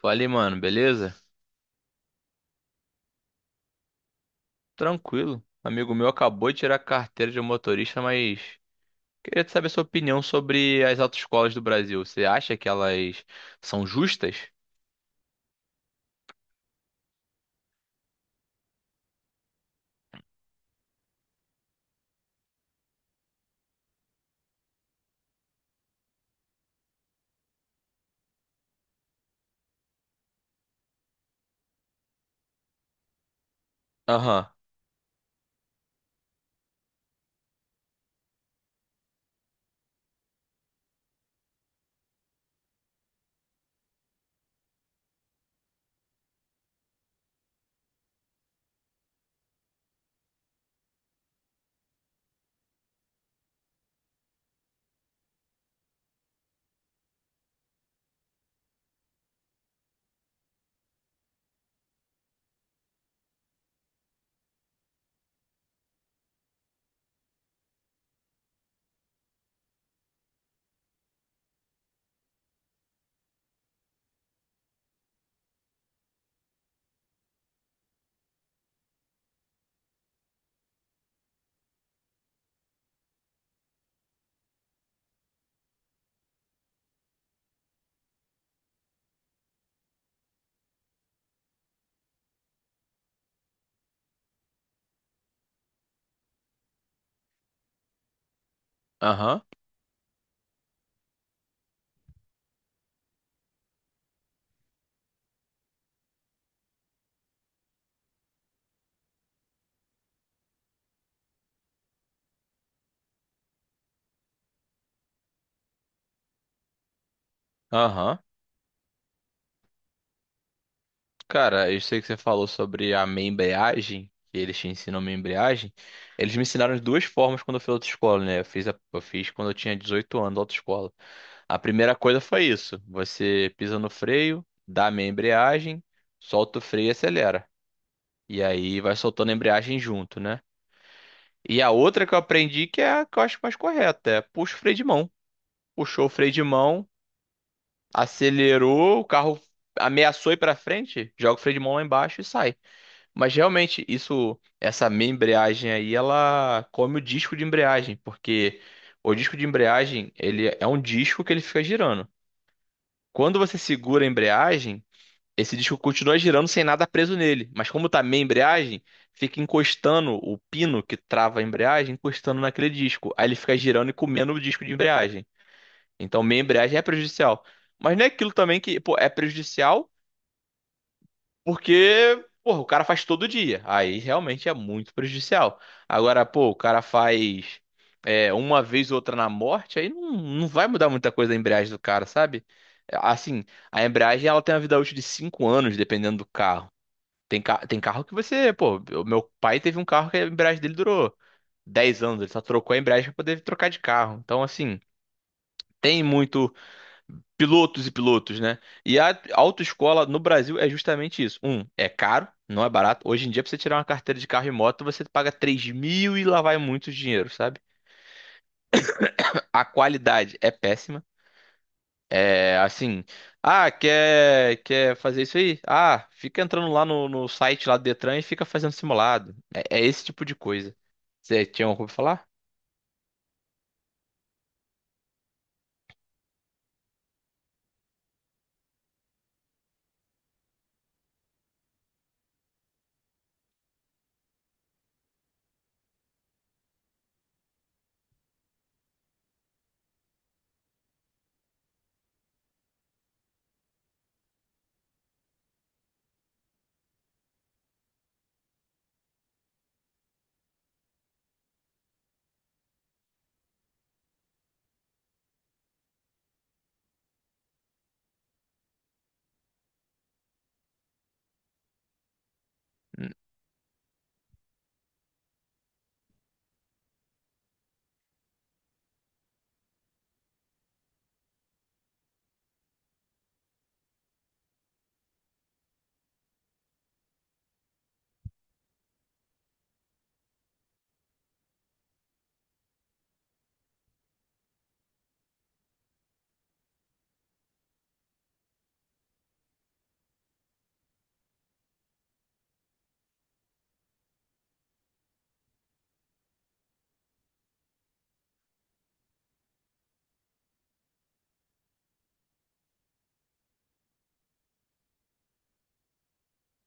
Falei, mano, beleza? Tranquilo. Amigo meu acabou de tirar a carteira de motorista, mas queria te saber sua opinião sobre as autoescolas do Brasil. Você acha que elas são justas? Aham, aham, aham. Cara, eu sei que você falou sobre a minha embreagem, que eles te ensinam minha embreagem. Eles me ensinaram de duas formas quando eu fiz autoescola, né? Eu fiz quando eu tinha 18 anos, autoescola. A primeira coisa foi isso: você pisa no freio, dá a meia embreagem, solta o freio e acelera. E aí vai soltando a embreagem junto, né? E a outra que eu aprendi que é a que eu acho mais correta, é puxa o freio de mão. Puxou o freio de mão, acelerou, o carro ameaçou ir pra frente, joga o freio de mão lá embaixo e sai. Mas realmente isso, essa meia embreagem aí, ela come o disco de embreagem, porque o disco de embreagem, ele é um disco que ele fica girando. Quando você segura a embreagem, esse disco continua girando sem nada preso nele, mas como tá meia embreagem, fica encostando o pino que trava a embreagem, encostando naquele disco. Aí ele fica girando e comendo o disco de embreagem. Então meia embreagem é prejudicial. Mas não é aquilo também que, pô, é prejudicial porque, porra, o cara faz todo dia. Aí realmente é muito prejudicial. Agora, pô, o cara faz é, uma vez ou outra na morte, aí não vai mudar muita coisa a embreagem do cara, sabe? Assim, a embreagem ela tem uma vida útil de 5 anos, dependendo do carro. Tem carro que você, pô, o meu pai teve um carro que a embreagem dele durou 10 anos, ele só trocou a embreagem pra poder trocar de carro. Então, assim, tem muito pilotos e pilotos, né? E a autoescola no Brasil é justamente isso. Um, é caro, não é barato. Hoje em dia, pra você tirar uma carteira de carro e moto, você paga 3 mil e lá vai muito dinheiro, sabe? A qualidade é péssima. É assim, ah, quer fazer isso aí? Ah, fica entrando lá no site lá do Detran e fica fazendo simulado. É, é esse tipo de coisa. Você tinha algo pra falar? Hum.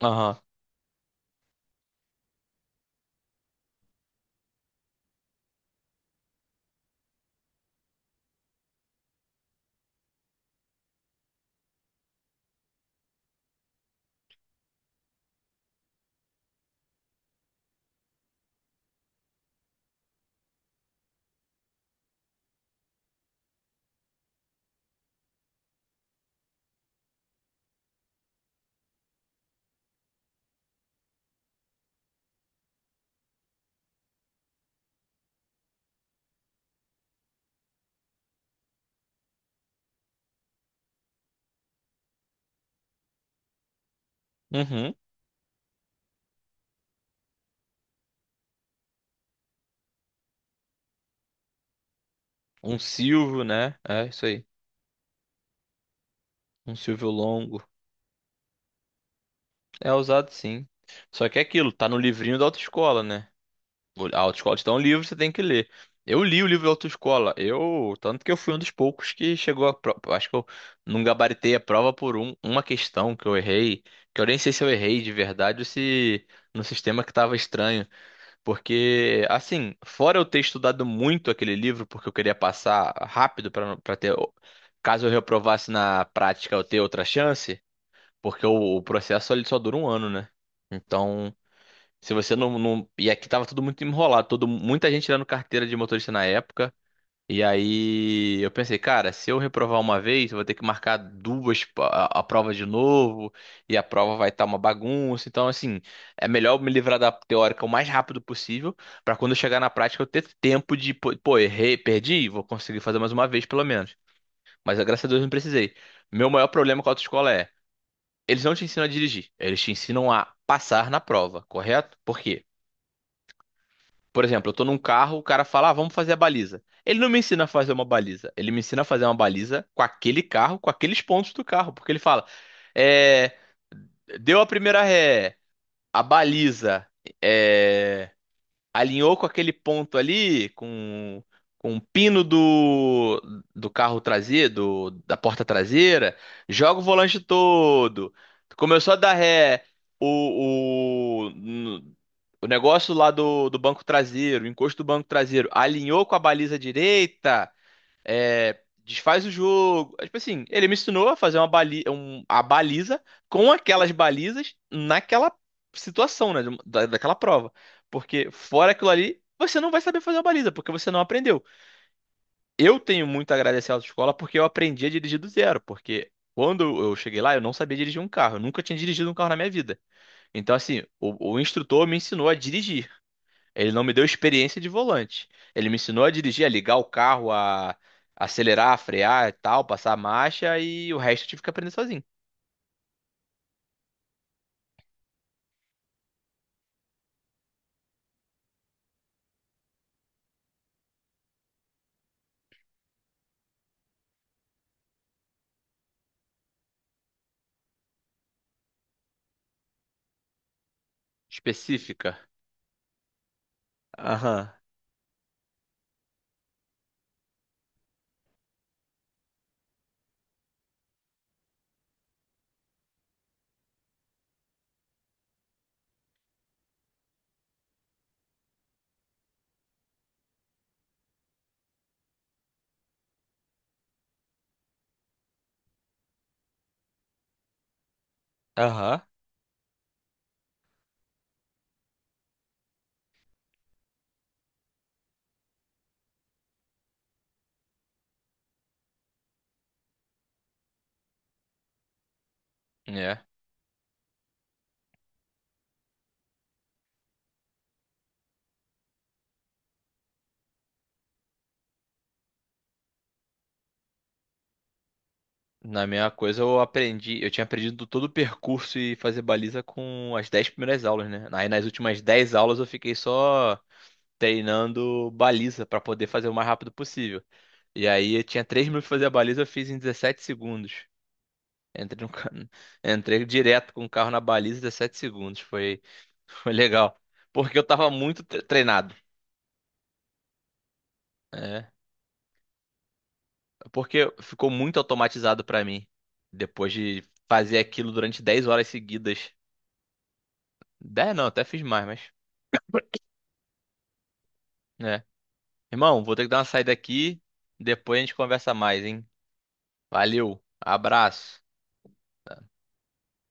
Aham. Uhum. Um Silvio, né? É isso aí. Um Silvio longo. É usado sim. Só que é aquilo, tá no livrinho da autoescola, né? A autoescola te dá um livro, você tem que ler. Eu li o livro da autoescola. Eu, tanto que eu fui um dos poucos que chegou a prova. Acho que eu não gabaritei a prova por uma questão que eu errei, que eu nem sei se eu errei de verdade ou se no sistema que estava estranho, porque assim, fora eu ter estudado muito aquele livro porque eu queria passar rápido para ter, caso eu reprovasse na prática, eu ter outra chance, porque o processo ele só dura 1 ano, né? Então, se você e aqui tava tudo muito enrolado, todo muita gente tirando carteira de motorista na época. E aí eu pensei, cara, se eu reprovar uma vez, eu vou ter que marcar a prova de novo, e a prova vai estar uma bagunça. Então, assim, é melhor eu me livrar da teórica o mais rápido possível, pra quando eu chegar na prática eu ter tempo de, pô, errei, perdi, vou conseguir fazer mais uma vez pelo menos. Mas graças a Deus não precisei. Meu maior problema com a autoescola é, eles não te ensinam a dirigir, eles te ensinam a passar na prova, correto? Por quê? Por exemplo, eu tô num carro, o cara fala, ah, vamos fazer a baliza. Ele não me ensina a fazer uma baliza. Ele me ensina a fazer uma baliza com aquele carro, com aqueles pontos do carro. Porque ele fala, é, deu a primeira ré, a baliza, é, alinhou com aquele ponto ali, com o pino do carro traseiro, da porta traseira, joga o volante todo. Começou a dar ré, o, no- o negócio lá do banco traseiro, o encosto do banco traseiro, alinhou com a baliza direita, é, desfaz o jogo. É, tipo assim, ele me ensinou a fazer uma a baliza com aquelas balizas naquela situação, né? Daquela prova. Porque fora aquilo ali, você não vai saber fazer uma baliza, porque você não aprendeu. Eu tenho muito a agradecer à autoescola porque eu aprendi a dirigir do zero, porque. Quando eu cheguei lá, eu não sabia dirigir um carro. Eu nunca tinha dirigido um carro na minha vida. Então, assim, o instrutor me ensinou a dirigir. Ele não me deu experiência de volante. Ele me ensinou a dirigir, a ligar o carro, a acelerar, a frear e tal, passar a marcha e o resto eu tive que aprender sozinho. Específica. Aham, aham. É. Na minha coisa eu aprendi, eu tinha aprendido todo o percurso e fazer baliza com as 10 primeiras aulas, né? Aí nas últimas 10 aulas eu fiquei só treinando baliza pra poder fazer o mais rápido possível. E aí eu tinha 3 minutos pra fazer a baliza, eu fiz em 17 segundos. Entrei, no ca- entrei direto com o carro na baliza em 17 segundos. Foi, foi legal. Porque eu tava muito treinado. É, porque ficou muito automatizado pra mim. Depois de fazer aquilo durante 10 horas seguidas. 10 não, até fiz mais, mas. É. Irmão, vou ter que dar uma saída aqui. Depois a gente conversa mais, hein? Valeu, abraço.